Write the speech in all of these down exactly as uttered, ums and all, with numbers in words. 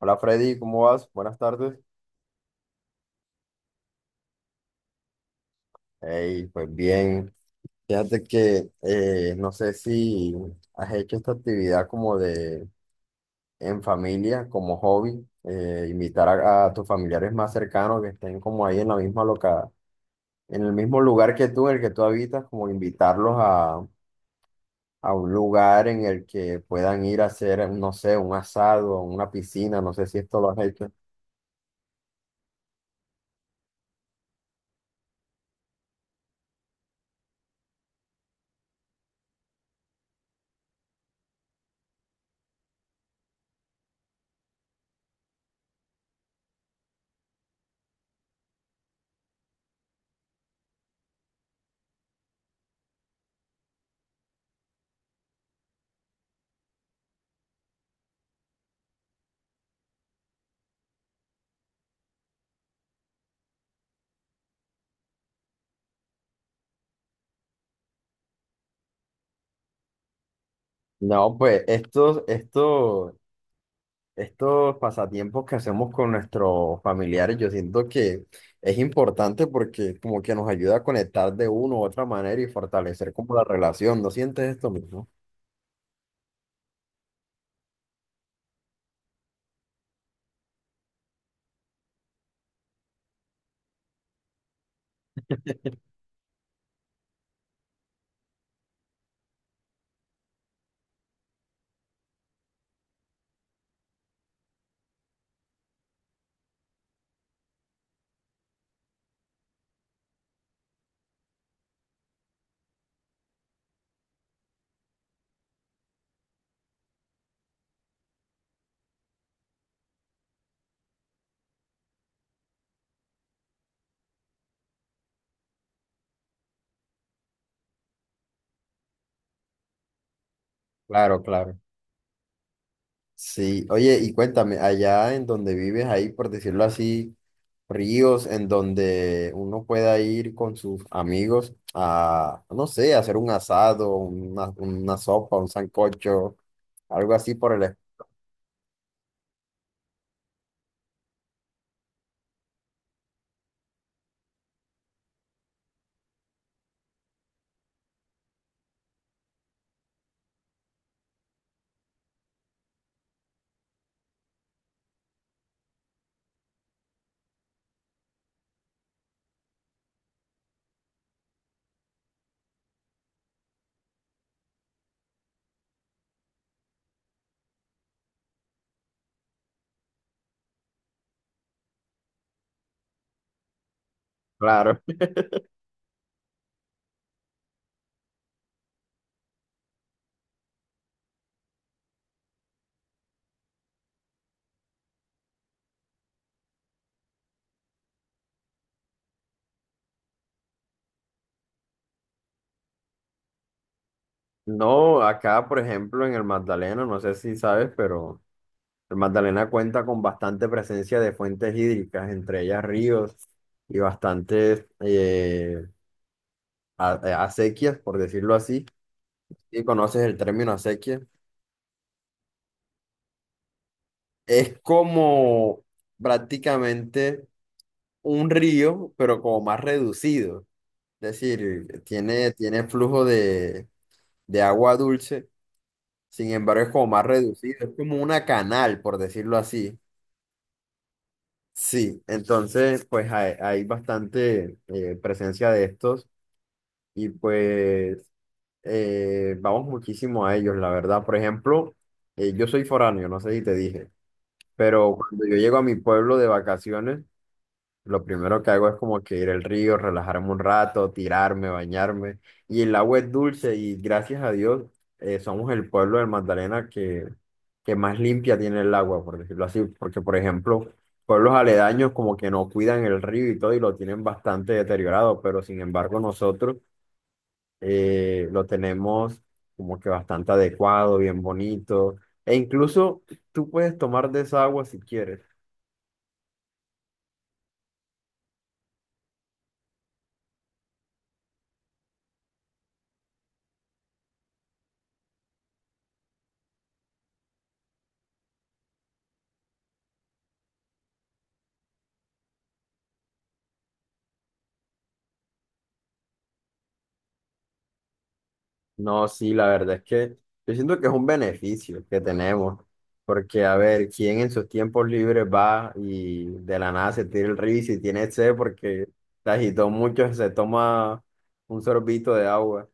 Hola Freddy, ¿cómo vas? Buenas tardes. Hey, pues bien. Fíjate que eh, no sé si has hecho esta actividad como de en familia, como hobby, eh, invitar a, a tus familiares más cercanos que estén como ahí en la misma loca, en el mismo lugar que tú, en el que tú habitas, como invitarlos a, a un lugar en el que puedan ir a hacer, no sé, un asado, una piscina, no sé si esto lo has hecho. No, pues esto, esto. Estos pasatiempos que hacemos con nuestros familiares, yo siento que es importante porque como que nos ayuda a conectar de una u otra manera y fortalecer como la relación. ¿No sientes esto mismo? Claro, claro. Sí, oye, y cuéntame, allá en donde vives, hay, por decirlo así, ríos en donde uno pueda ir con sus amigos a, no sé, hacer un asado, una, una sopa, un sancocho, algo así por el... Claro. No, acá, por ejemplo, en el Magdalena, no sé si sabes, pero el Magdalena cuenta con bastante presencia de fuentes hídricas, entre ellas ríos y bastantes eh, a- eh, acequias, por decirlo así. Si conoces el término acequia, es como prácticamente un río, pero como más reducido. Es decir, tiene, tiene flujo de, de agua dulce, sin embargo, es como más reducido. Es como una canal, por decirlo así. Sí, entonces pues hay, hay bastante eh, presencia de estos y pues eh, vamos muchísimo a ellos, la verdad. Por ejemplo, eh, yo soy foráneo, no sé si te dije, pero cuando yo llego a mi pueblo de vacaciones, lo primero que hago es como que ir al río, relajarme un rato, tirarme, bañarme. Y el agua es dulce y gracias a Dios eh, somos el pueblo del Magdalena que, que más limpia tiene el agua, por decirlo así. Porque, por ejemplo, pueblos aledaños como que no cuidan el río y todo y lo tienen bastante deteriorado, pero sin embargo nosotros eh, lo tenemos como que bastante adecuado, bien bonito. E incluso tú puedes tomar de esa agua si quieres. No, sí, la verdad es que yo siento que es un beneficio que tenemos, porque a ver, ¿quién en sus tiempos libres va y de la nada se tira el río y si tiene sed porque se agitó mucho, se toma un sorbito de agua?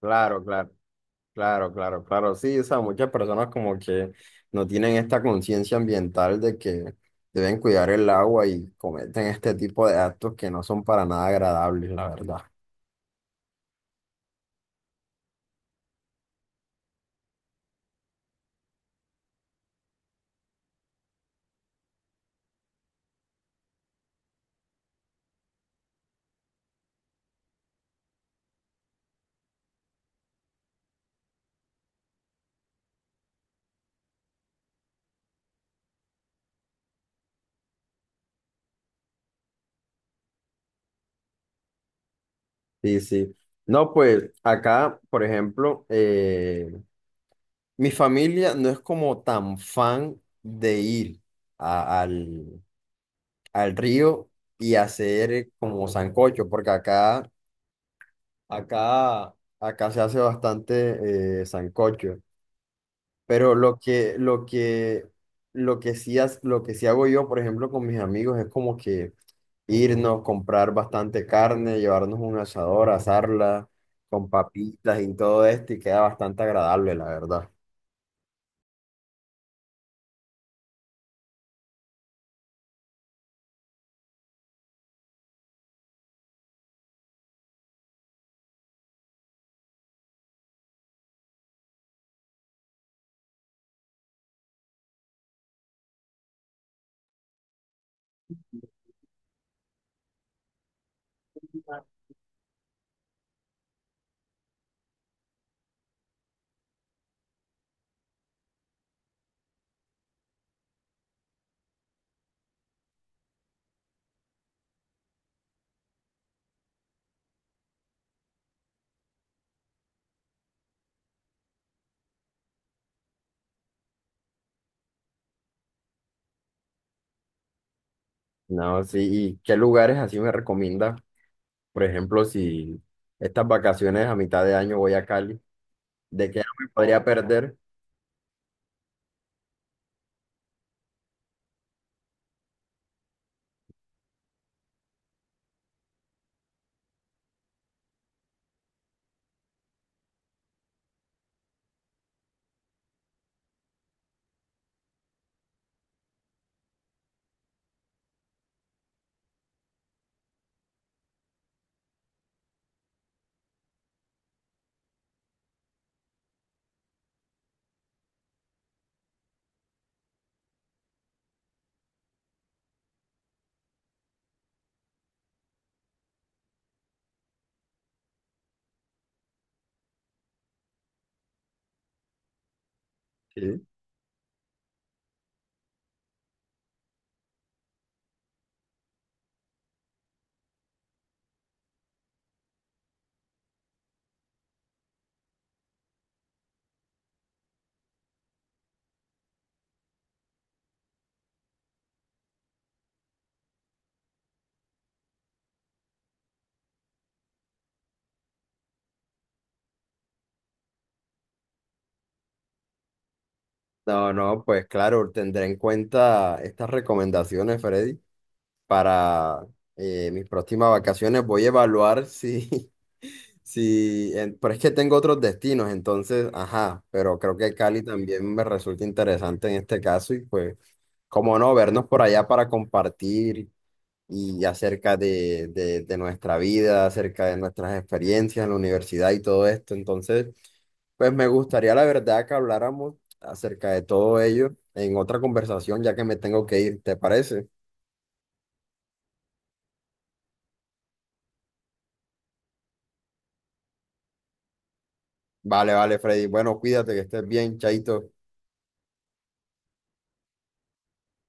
Claro, claro, claro, claro, claro, sí, o sea, muchas personas como que no tienen esta conciencia ambiental de que deben cuidar el agua y cometen este tipo de actos que no son para nada agradables, la verdad. Sí, sí. No, pues acá, por ejemplo, eh, mi familia no es como tan fan de ir a- al, al río y hacer eh, como sancocho, porque acá, acá, acá se hace bastante eh, sancocho. Pero lo que, lo que, lo que sí, ha- lo que sí hago yo, por ejemplo, con mis amigos es como que irnos, comprar bastante carne, llevarnos un asador, asarla con papitas y todo esto y queda bastante agradable, la verdad. No, sí, ¿y qué lugares así me recomienda? Por ejemplo, si estas vacaciones a mitad de año voy a Cali, ¿de qué no me podría perder? Sí. No, no, pues claro, tendré en cuenta estas recomendaciones, Freddy, para eh, mis próximas vacaciones. Voy a evaluar si, si, en- pero es que tengo otros destinos, entonces, ajá, pero creo que Cali también me resulta interesante en este caso y pues, como no, vernos por allá para compartir y acerca de, de, de nuestra vida, acerca de nuestras experiencias en la universidad y todo esto. Entonces, pues me gustaría la verdad que habláramos acerca de todo ello en otra conversación, ya que me tengo que ir, ¿te parece? Vale, vale, Freddy. Bueno, cuídate, que estés bien, chaito.